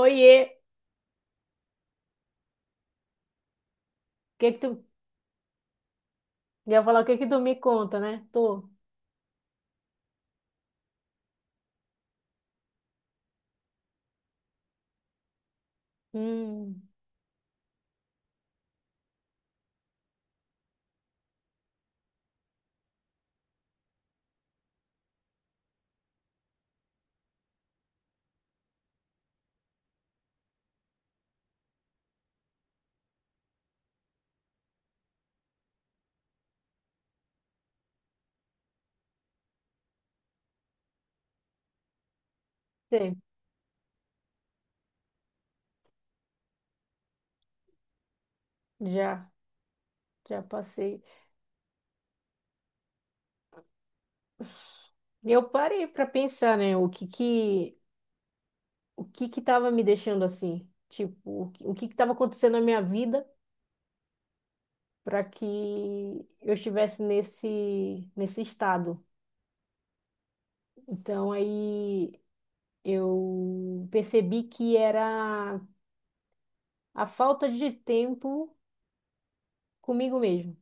Oiê, que tu ia falar o que que tu me conta, né? Tô. Hum. Sei. Já, já passei. Eu parei pra pensar, né? O que que tava me deixando assim? Tipo, o que que tava acontecendo na minha vida para que eu estivesse nesse estado? Então aí eu percebi que era a falta de tempo comigo mesmo.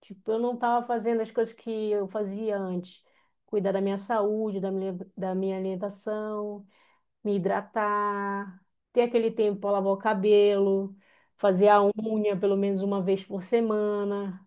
Tipo, eu não estava fazendo as coisas que eu fazia antes. Cuidar da minha saúde, da minha alimentação, me hidratar, ter aquele tempo para lavar o cabelo, fazer a unha pelo menos uma vez por semana.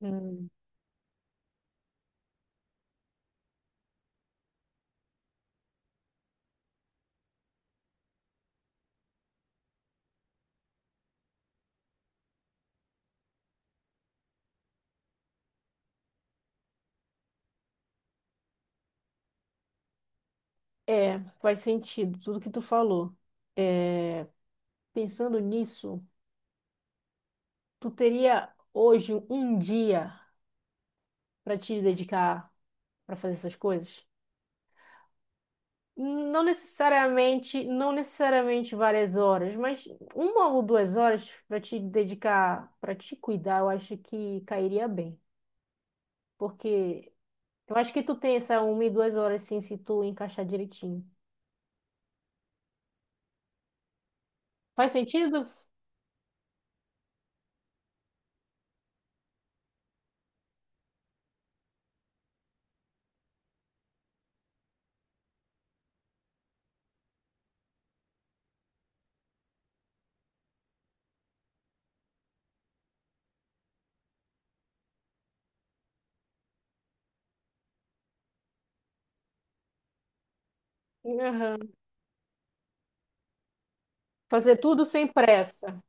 Hum. É, faz sentido tudo que tu falou. É, pensando nisso, tu teria hoje um dia para te dedicar para fazer essas coisas? Não necessariamente, não necessariamente várias horas, mas uma ou duas horas para te dedicar, para te cuidar, eu acho que cairia bem. Porque eu acho que tu tem essa uma e duas horas sim, se tu encaixar direitinho. Faz sentido? Aham. Fazer tudo sem pressa.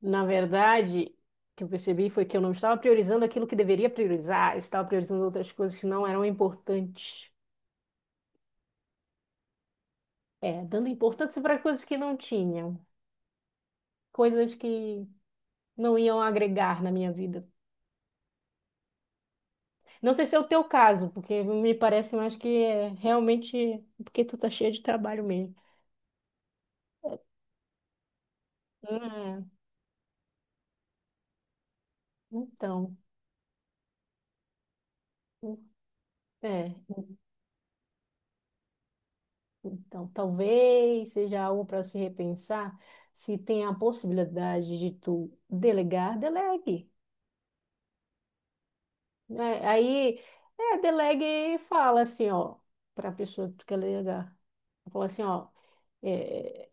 Na verdade, o que eu percebi foi que eu não estava priorizando aquilo que deveria priorizar, eu estava priorizando outras coisas que não eram importantes. É, dando importância para coisas que não tinham, coisas que não iam agregar na minha vida. Não sei se é o teu caso, porque me parece mais que é realmente porque tu tá cheia de trabalho mesmo. É, então, é, talvez seja algo para se repensar. Se tem a possibilidade de tu delegar, delegue. Né? Aí, é, delegue e fala assim, ó, para a pessoa que tu quer delegar. Fala assim, ó, é,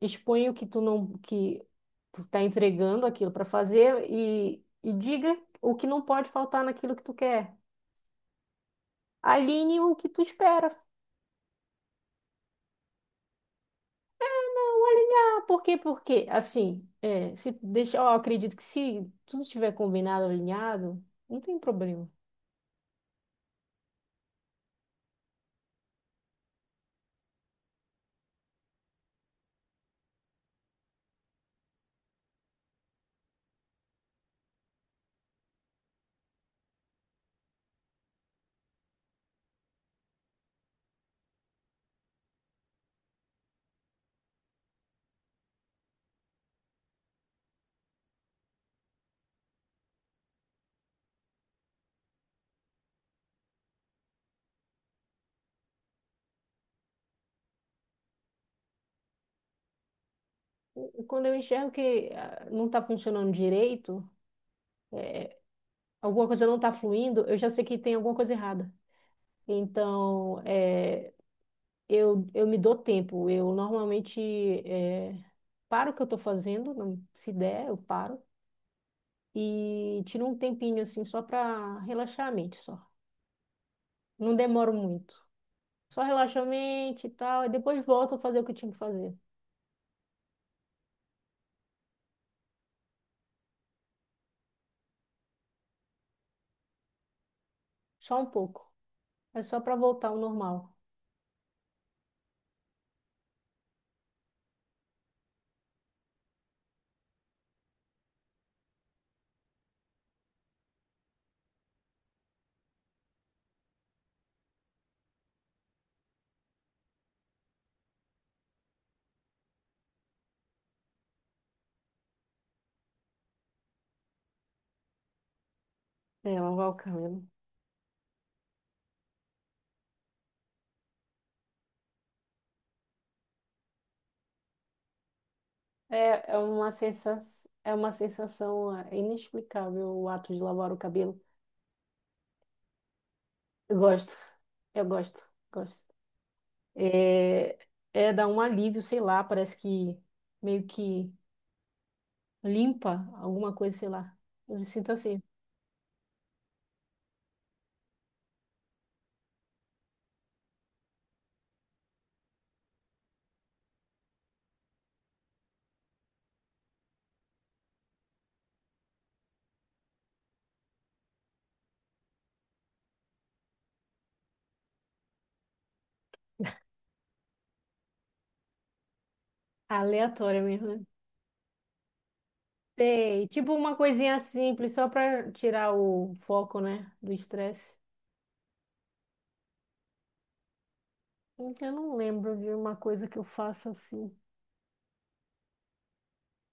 expõe o que tu não que tu tá entregando aquilo para fazer e diga o que não pode faltar naquilo que tu quer. Alinhe o que tu espera. Ah, por quê? Porque, assim, é, se deixar, ó, acredito que se tudo estiver combinado, alinhado, não tem problema. Quando eu enxergo que ah, não está funcionando direito, alguma coisa não está fluindo, eu já sei que tem alguma coisa errada. Então, é, eu me dou tempo. Eu normalmente eh, paro o que eu estou fazendo, se der, eu paro. E tiro um tempinho assim só para relaxar a mente, só. Não demoro muito. Só relaxo a mente e tal. E depois volto a fazer o que eu tinha que fazer. Só um pouco. É só para voltar ao normal. É, lavar o cabelo é, é uma sensação é, inexplicável o ato de lavar o cabelo. Eu gosto. Eu gosto. Gosto. É, é dar um alívio, sei lá, parece que meio que limpa alguma coisa, sei lá. Eu me sinto assim, aleatória mesmo, né? Sei, tipo uma coisinha simples, só para tirar o foco, né, do estresse. Eu não lembro de uma coisa que eu faça assim.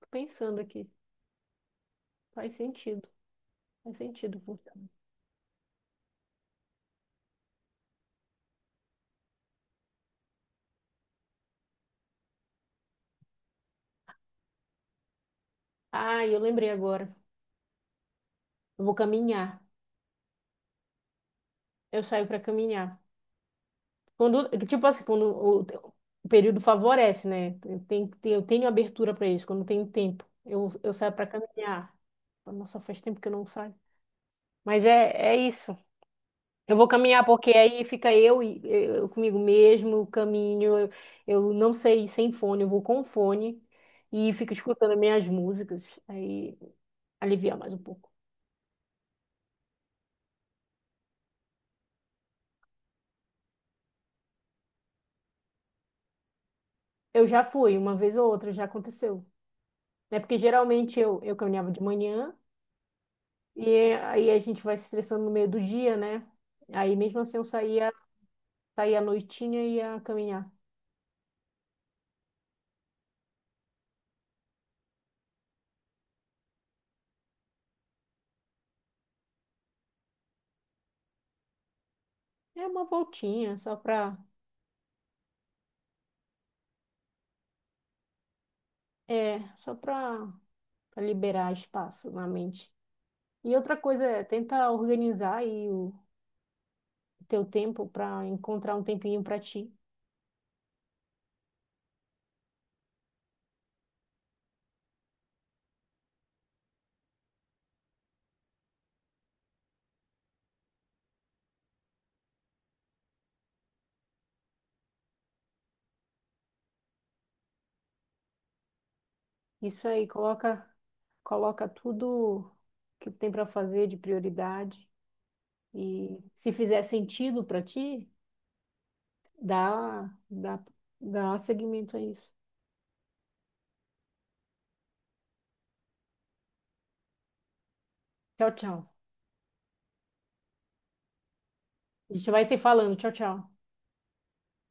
Tô pensando aqui, faz sentido, faz sentido. Funciona. Ah, eu lembrei agora. Eu vou caminhar. Eu saio para caminhar. Quando, tipo assim, quando o período favorece, né? Eu tenho, eu tenho abertura para isso, quando tenho tempo. Eu saio para caminhar. Nossa, faz tempo que eu não saio. Mas é, é isso. Eu vou caminhar porque aí fica eu e eu comigo mesmo, eu caminho. Eu não sei ir sem fone, eu vou com fone e fico escutando minhas músicas. Aí alivia mais um pouco. Eu já fui, uma vez ou outra, já aconteceu. É porque geralmente eu caminhava de manhã. E aí a gente vai se estressando no meio do dia, né? Aí mesmo assim eu saía, saía à noitinha e ia caminhar. É uma voltinha, só pra, pra liberar espaço na mente. E outra coisa é, tenta organizar aí o teu tempo pra encontrar um tempinho pra ti. Isso aí, coloca, coloca tudo que tem pra fazer de prioridade. E se fizer sentido pra ti, dá, dá, dá seguimento a isso. Tchau, tchau. A gente vai se falando. Tchau, tchau.